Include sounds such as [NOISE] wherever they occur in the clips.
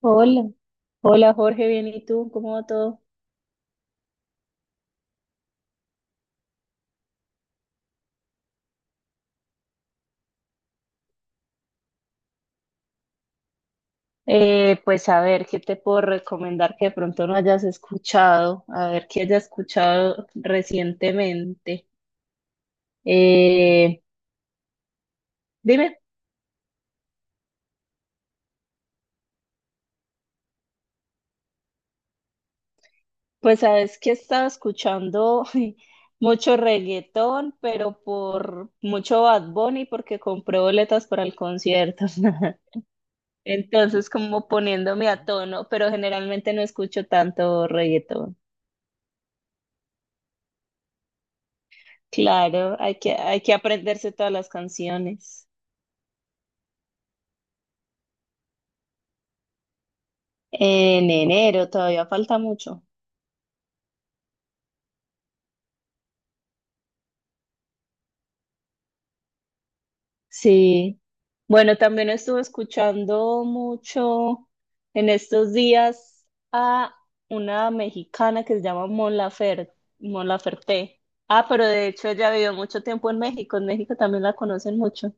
Hola, hola Jorge, bien, ¿y tú? ¿Cómo va todo? Pues a ver, ¿qué te puedo recomendar que de pronto no hayas escuchado? A ver, ¿qué hayas escuchado recientemente? Eh, Dime, pues sabes que he estado escuchando [LAUGHS] mucho reggaetón, pero por mucho Bad Bunny porque compré boletas para el concierto. [LAUGHS] Entonces, como poniéndome a tono, pero generalmente no escucho tanto reggaetón. Claro, hay que aprenderse todas las canciones. En enero todavía falta mucho. Sí. Bueno, también estuve escuchando mucho en estos días a una mexicana que se llama Mon Laferte. Ah, pero de hecho ella vivió mucho tiempo en México. En México también la conocen mucho.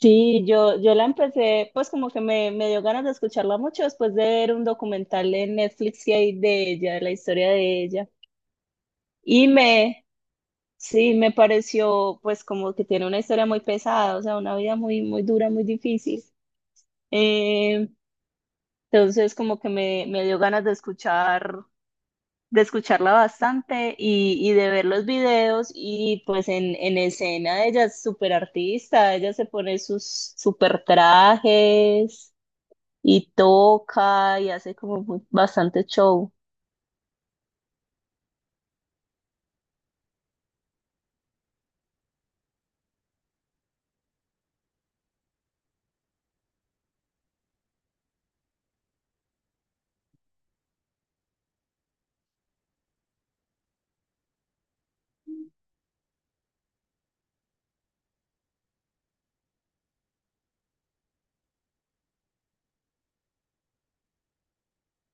Sí, yo la empecé, pues como que me dio ganas de escucharla mucho después de ver un documental en Netflix que hay de ella, de la historia de ella. Y sí, me pareció pues como que tiene una historia muy pesada, o sea, una vida muy, muy dura, muy difícil. Eh, entonces como que me dio ganas de escucharla bastante y de ver los videos y pues en escena ella es súper artista, ella se pone sus súper trajes y toca y hace como bastante show.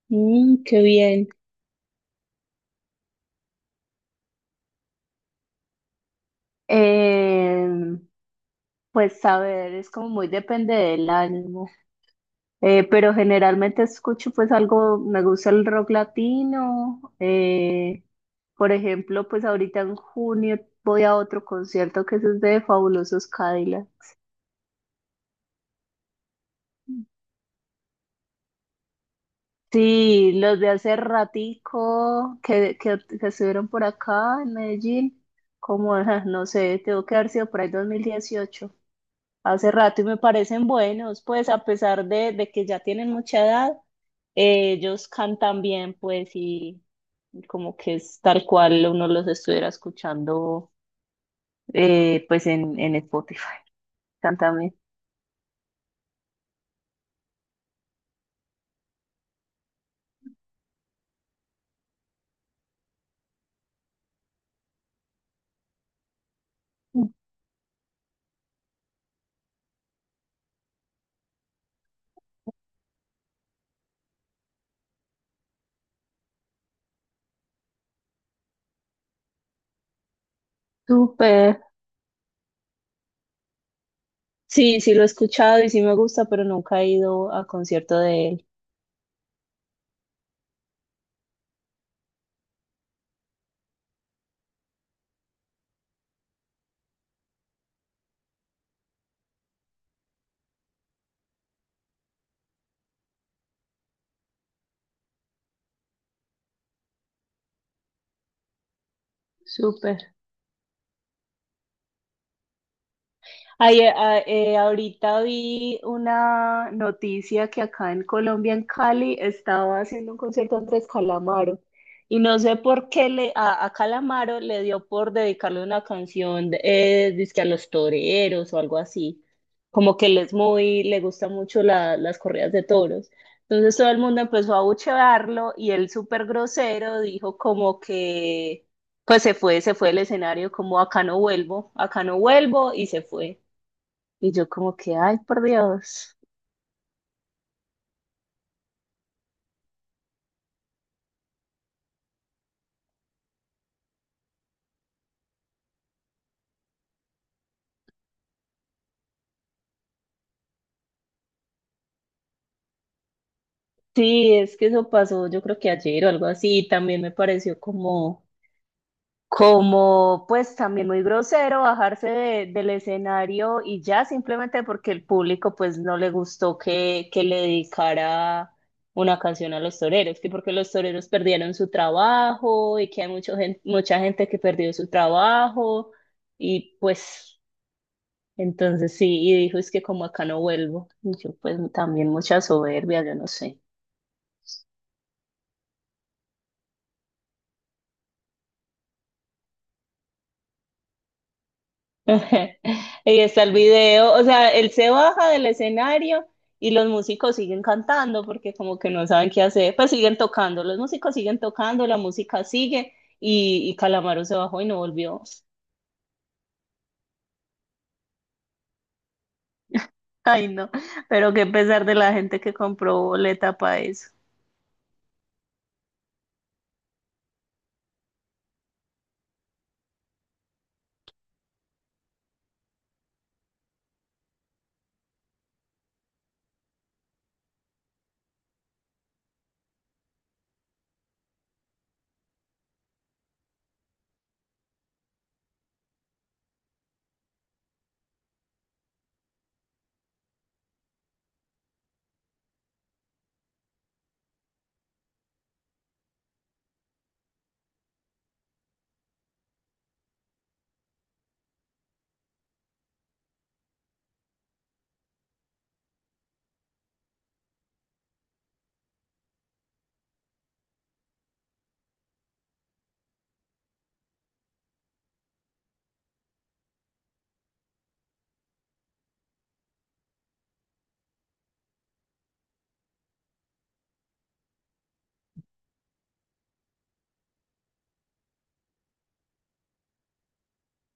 Mm, qué bien. Eh, Pues a ver, es como muy depende del ánimo. Pero generalmente escucho pues algo, me gusta el rock latino, por ejemplo, pues ahorita en junio voy a otro concierto que es de Fabulosos Cadillac. Sí, los de hace ratico que estuvieron por acá en Medellín, como, [LAUGHS] ajá, no sé, tengo que haber sido por ahí 2018. Hace rato y me parecen buenos, pues a pesar de que ya tienen mucha edad, ellos cantan bien, pues, y como que es tal cual uno los estuviera escuchando, pues en Spotify. Cantan bien. Súper. Sí, sí lo he escuchado y sí me gusta, pero nunca he ido a concierto de él. Súper. Ay, ahorita vi una noticia que acá en Colombia, en Cali, estaba haciendo un concierto Andrés Calamaro. Y no sé por qué a Calamaro le dio por dedicarle una canción, dizque a los toreros o algo así. Como que él es muy, le gusta mucho las corridas de toros. Entonces todo el mundo empezó a abuchearlo y él súper grosero dijo como que, pues se fue del escenario como acá no vuelvo y se fue. Y yo como que, ay, por Dios. Sí, es que eso pasó, yo creo que ayer o algo así, y también me pareció como, pues también muy grosero bajarse del escenario y ya simplemente porque el público pues no le gustó que le dedicara una canción a los toreros, que porque los toreros perdieron su trabajo y que hay mucha gente que perdió su trabajo y pues... Entonces sí, y dijo, es que como acá no vuelvo. Y yo pues también mucha soberbia, yo no sé. [LAUGHS] Y está el video, o sea, él se baja del escenario y los músicos siguen cantando porque como que no saben qué hacer, pues siguen tocando, los músicos siguen tocando, la música sigue y Calamaro se bajó y no volvió. [LAUGHS] Ay, no, pero qué pesar de la gente que compró boleta para eso.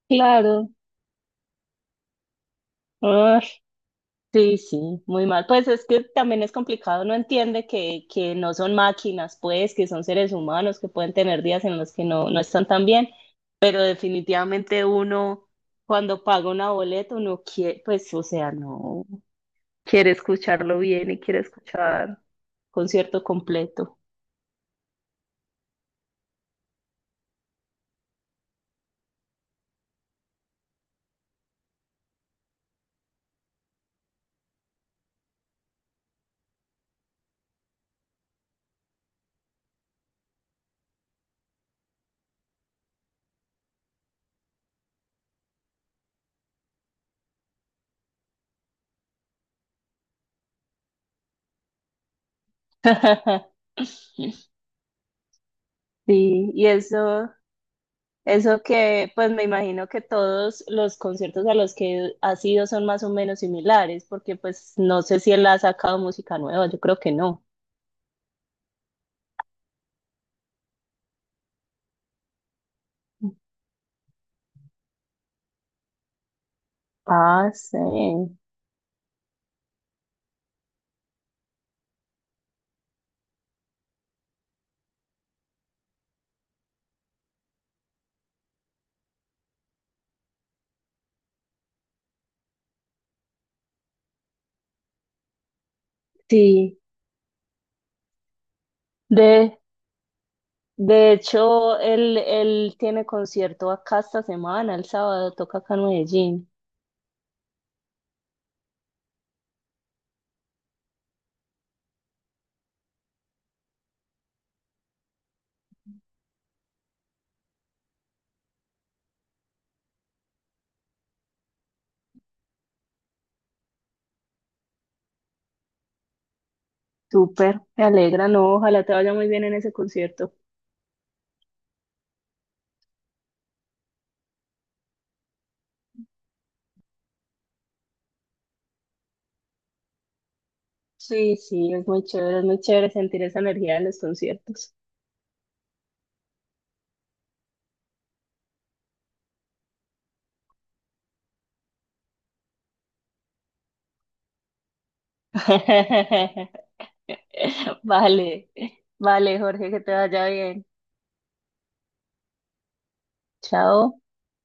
Claro. Ay, sí, sí, muy mal. Pues es que también es complicado, no entiende que no son máquinas, pues, que son seres humanos, que pueden tener días en los que no, no están tan bien, pero definitivamente uno cuando paga una boleta, uno quiere, pues, o sea, no, quiere escucharlo bien y quiere escuchar concierto completo. [LAUGHS] Sí, y eso que, pues me imagino que todos los conciertos a los que ha sido son más o menos similares, porque pues no sé si él ha sacado música nueva, yo creo que no. Ah, sí. Sí, de, de hecho, él tiene concierto acá esta semana, el sábado toca acá en Medellín. Súper, me alegra, no, ojalá te vaya muy bien en ese concierto. Sí, sí, es muy chévere sentir esa energía en los conciertos. [LAUGHS] [LAUGHS] Vale, vale, Jorge, que te vaya bien. Chao.